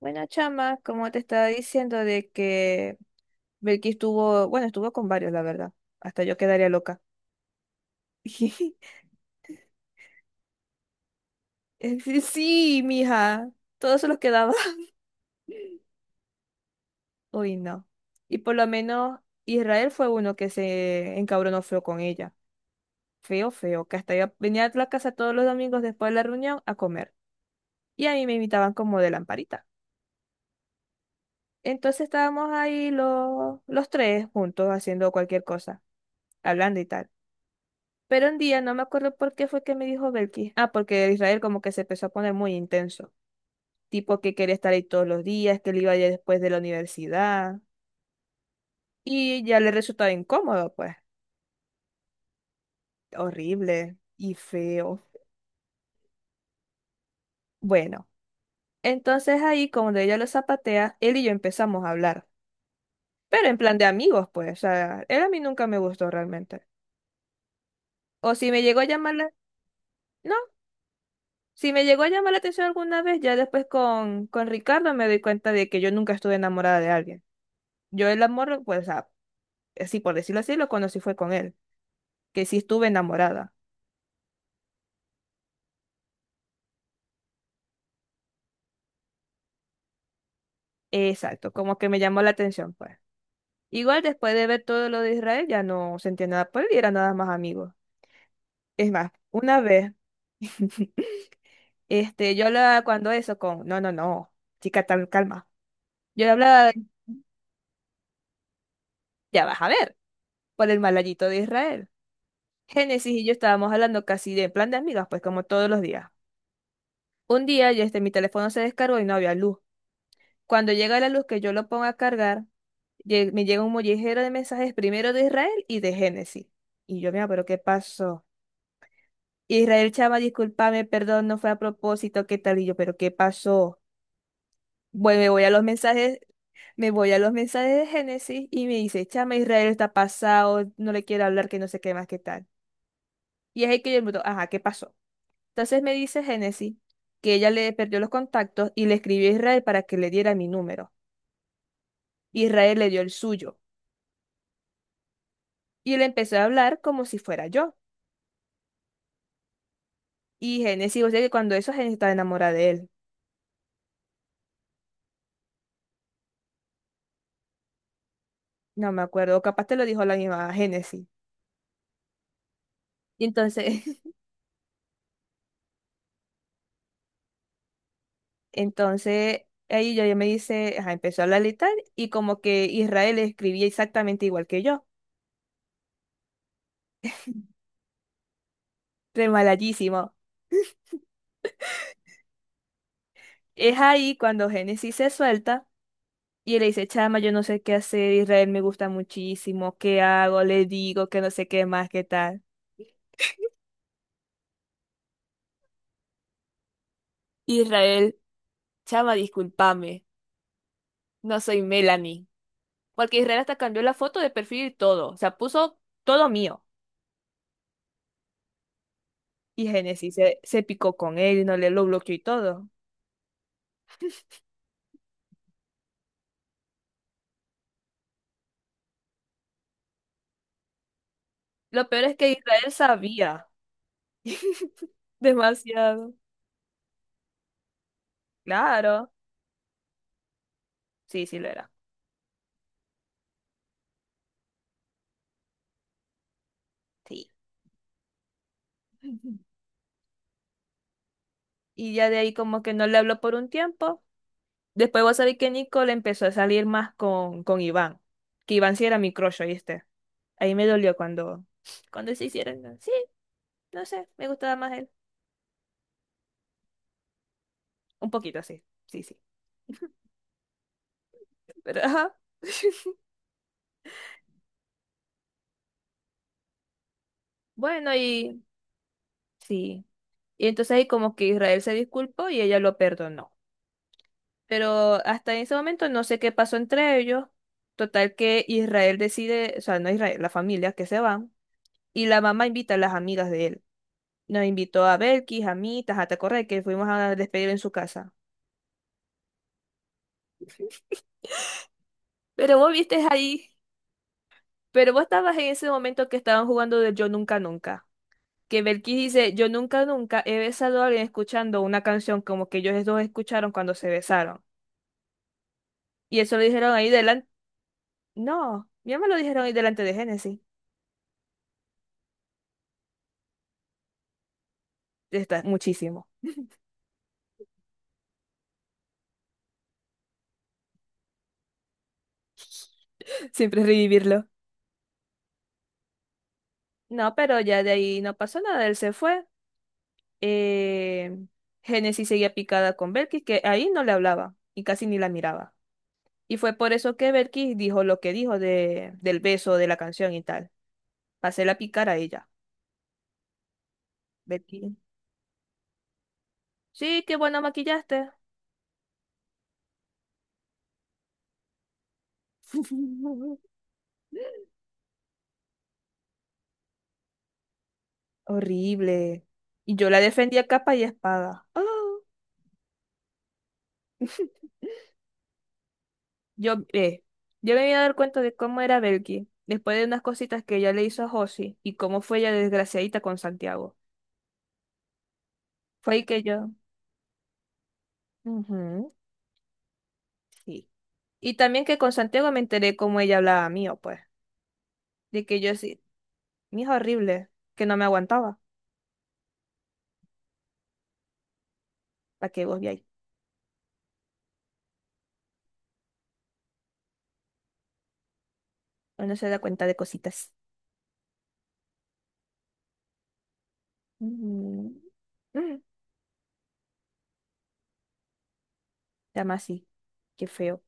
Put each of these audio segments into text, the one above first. Bueno, chama, como te estaba diciendo de que Belkis estuvo, bueno, estuvo con varios, la verdad. Hasta yo quedaría loca. Es sí, mija, todos se los quedaba. Uy, no. Y por lo menos Israel fue uno que se encabronó feo con ella. Feo, feo, que hasta ella venía a la casa todos los domingos después de la reunión a comer. Y a mí me invitaban como de lamparita. Entonces estábamos ahí los tres juntos haciendo cualquier cosa, hablando y tal. Pero un día, no me acuerdo por qué fue que me dijo Belkis. Ah, porque Israel como que se empezó a poner muy intenso. Tipo que quería estar ahí todos los días, que él iba ya después de la universidad. Y ya le resultaba incómodo, pues. Horrible y feo. Bueno, entonces ahí, cuando ella lo zapatea, él y yo empezamos a hablar. Pero en plan de amigos, pues. O sea, él a mí nunca me gustó realmente. O si me llegó a llamar la... No, si me llegó a llamar la atención alguna vez, ya después con Ricardo me doy cuenta de que yo nunca estuve enamorada de alguien. Yo el amor, pues, o sea, así por decirlo así, lo conocí fue con él, que sí estuve enamorada. Exacto, como que me llamó la atención, pues. Igual después de ver todo lo de Israel, ya no sentía nada por él y era nada más amigos. Es más, una vez, yo hablaba cuando eso con, no, no, no, chica, tal, calma. Yo le hablaba, ya vas a ver, por el malayito de Israel. Génesis y yo estábamos hablando casi de en plan de amigas, pues como todos los días. Un día, ya mi teléfono se descargó y no había luz. Cuando llega la luz que yo lo pongo a cargar, me llega un mollejero de mensajes primero de Israel y de Génesis. Y yo, mira, pero ¿qué pasó? Israel, chama, discúlpame, perdón, no fue a propósito, ¿qué tal? Y yo, pero ¿qué pasó? Bueno, me voy a los mensajes, me voy a los mensajes de Génesis y me dice, chama, Israel está pasado, no le quiero hablar, que no sé qué más, qué tal. Y es ahí que yo me digo, ajá, ¿qué pasó? Entonces me dice Génesis que ella le perdió los contactos y le escribió a Israel para que le diera mi número. Israel le dio el suyo y le empezó a hablar como si fuera yo. Y Génesis, o sea que cuando eso Génesis estaba enamorada de él. No me acuerdo, o capaz te lo dijo la misma Génesis. Y entonces, entonces ahí yo me dice, ajá, empezó a hablar y tal, y como que Israel escribía exactamente igual que yo. Remalallísimo. Es ahí cuando Génesis se suelta y le dice, chama, yo no sé qué hacer, Israel me gusta muchísimo, ¿qué hago? Le digo que no sé qué más, qué tal. Israel, chama, discúlpame, no soy Melanie. Porque Israel hasta cambió la foto de perfil y todo. O sea, puso todo mío. Y Génesis se picó con él y no le lo bloqueó y todo. Lo peor es que Israel sabía demasiado. Claro. Sí, sí lo era. Sí. Y ya de ahí como que no le habló por un tiempo. Después vos sabés que Nicole empezó a salir más con Iván. Que Iván sí era mi crush, ¿oíste? Ahí me dolió cuando, cuando se hicieron. Sí, no sé, me gustaba más él. Un poquito, sí. Sí, sí. Pero, ajá. Bueno, y sí. Y entonces ahí como que Israel se disculpó y ella lo perdonó. Pero hasta ese momento no sé qué pasó entre ellos. Total que Israel decide, o sea, no Israel, la familia que se van. Y la mamá invita a las amigas de él. Nos invitó a Belkis, a mí, a Correa, que fuimos a despedir en su casa. Pero vos viste ahí, pero vos estabas en ese momento que estaban jugando de Yo Nunca Nunca. Que Belkis dice, yo nunca nunca he besado a alguien escuchando una canción como que ellos dos escucharon cuando se besaron. Y eso lo dijeron ahí delante. No, ya me lo dijeron hoy delante de Génesis. Está muchísimo. Siempre es revivirlo. No, pero ya de ahí no pasó nada, él se fue. Eh, Génesis seguía picada con Belkis, que ahí no le hablaba y casi ni la miraba. Y fue por eso que Belkis dijo lo que dijo de, del beso, de la canción y tal. Pasé la picar a ella. Belkis. Sí, qué bueno maquillaste. Horrible. Y yo la defendía capa y espada. ¡Ah! Yo, eh, yo me vine a dar cuenta de cómo era Belki, después de unas cositas que ella le hizo a Josie y cómo fue ella desgraciadita con Santiago. Fue ahí que yo. Ujú, sí. Y también que con Santiago me enteré cómo ella hablaba mío, pues. De que yo sí, mi hijo horrible, que no me aguantaba. ¿Para que vos veáis? Uno se da cuenta de cositas. Ujú. Mm, llama así. Qué feo.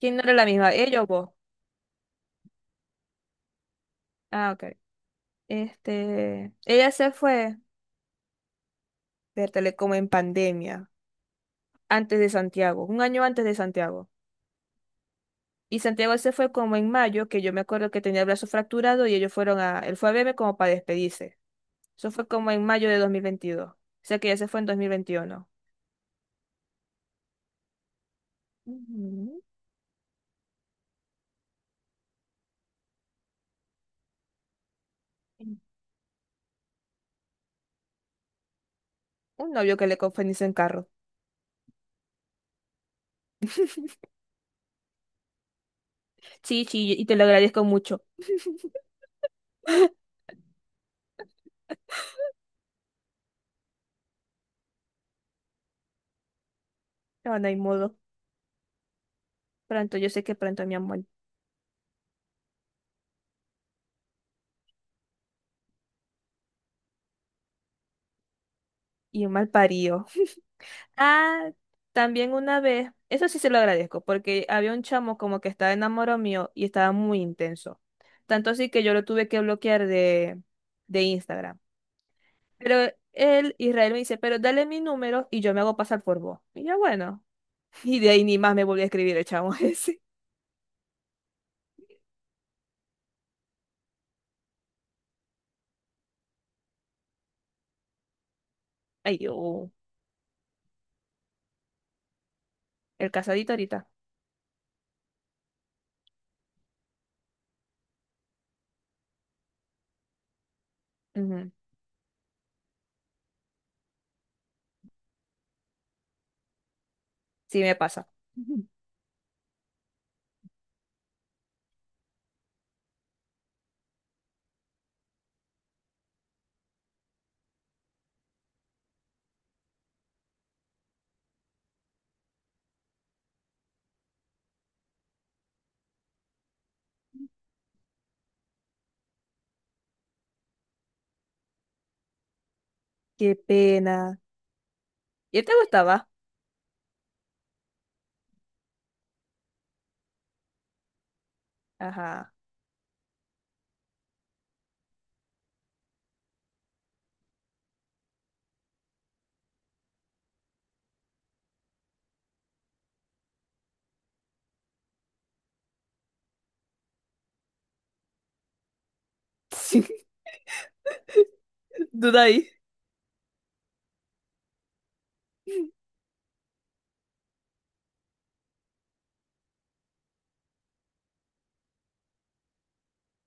¿Quién no era la misma? ¿Ella o vos? Ah, ok. Ella se fue. Vértale como en pandemia, antes de Santiago, un año antes de Santiago. Y Santiago se fue como en mayo, que yo me acuerdo que tenía el brazo fracturado y ellos fueron a, él fue a verme como para despedirse. Eso fue como en mayo de 2022. O sea que ya se fue en 2021. Ujú. Un novio que le confundís en carro. Sí, sí, y te lo agradezco mucho. No, no hay modo. Pronto, yo sé que pronto, mi amor. Y un mal parido. Ah, también una vez, eso sí se lo agradezco, porque había un chamo como que estaba enamorado mío y estaba muy intenso. Tanto así que yo lo tuve que bloquear de Instagram. Pero él, Israel, me dice, pero dale mi número y yo me hago pasar por vos. Y yo, bueno. Y de ahí ni más me volvió a escribir el chamo ese. Ay, yo, el casadito ahorita. Ujú, sí me pasa. Ujú. Qué pena. ¿Y él te gustaba? Ajá. Sí, duda ahí.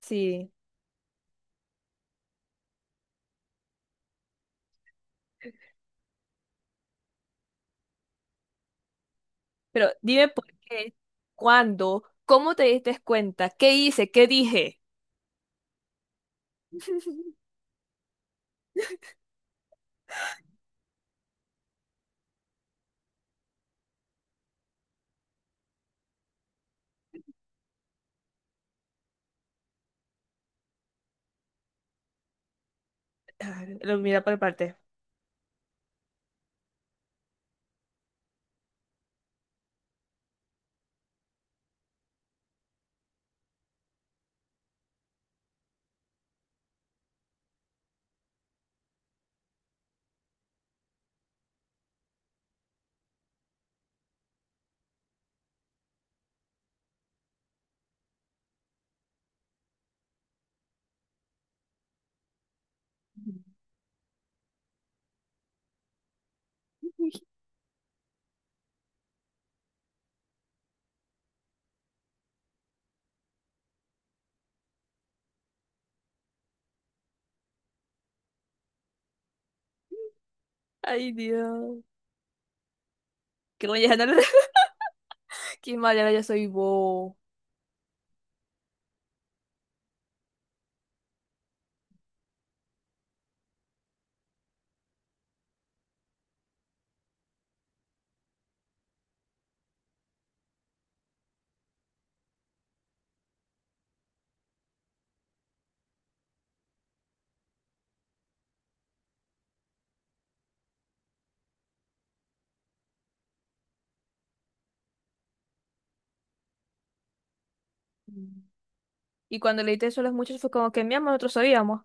Sí. Pero dime por qué, cuándo, cómo te diste cuenta, qué hice, qué dije. Ah, lo mira por parte. Ay, Dios. Que voy a ganar. Qué mala, ya soy vos. Y cuando leíste eso a los muchachos fue como que mi amor, nosotros sabíamos.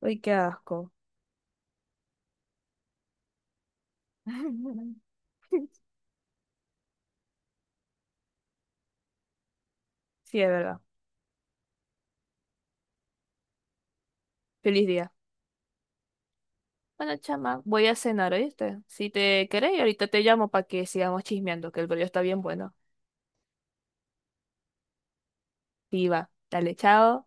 Ay, qué asco. Sí, es verdad. Feliz día. Bueno, chama, voy a cenar, ¿oíste? Si te querés, ahorita te llamo para que sigamos chismeando, que el brillo está bien bueno. Viva. Dale, chao.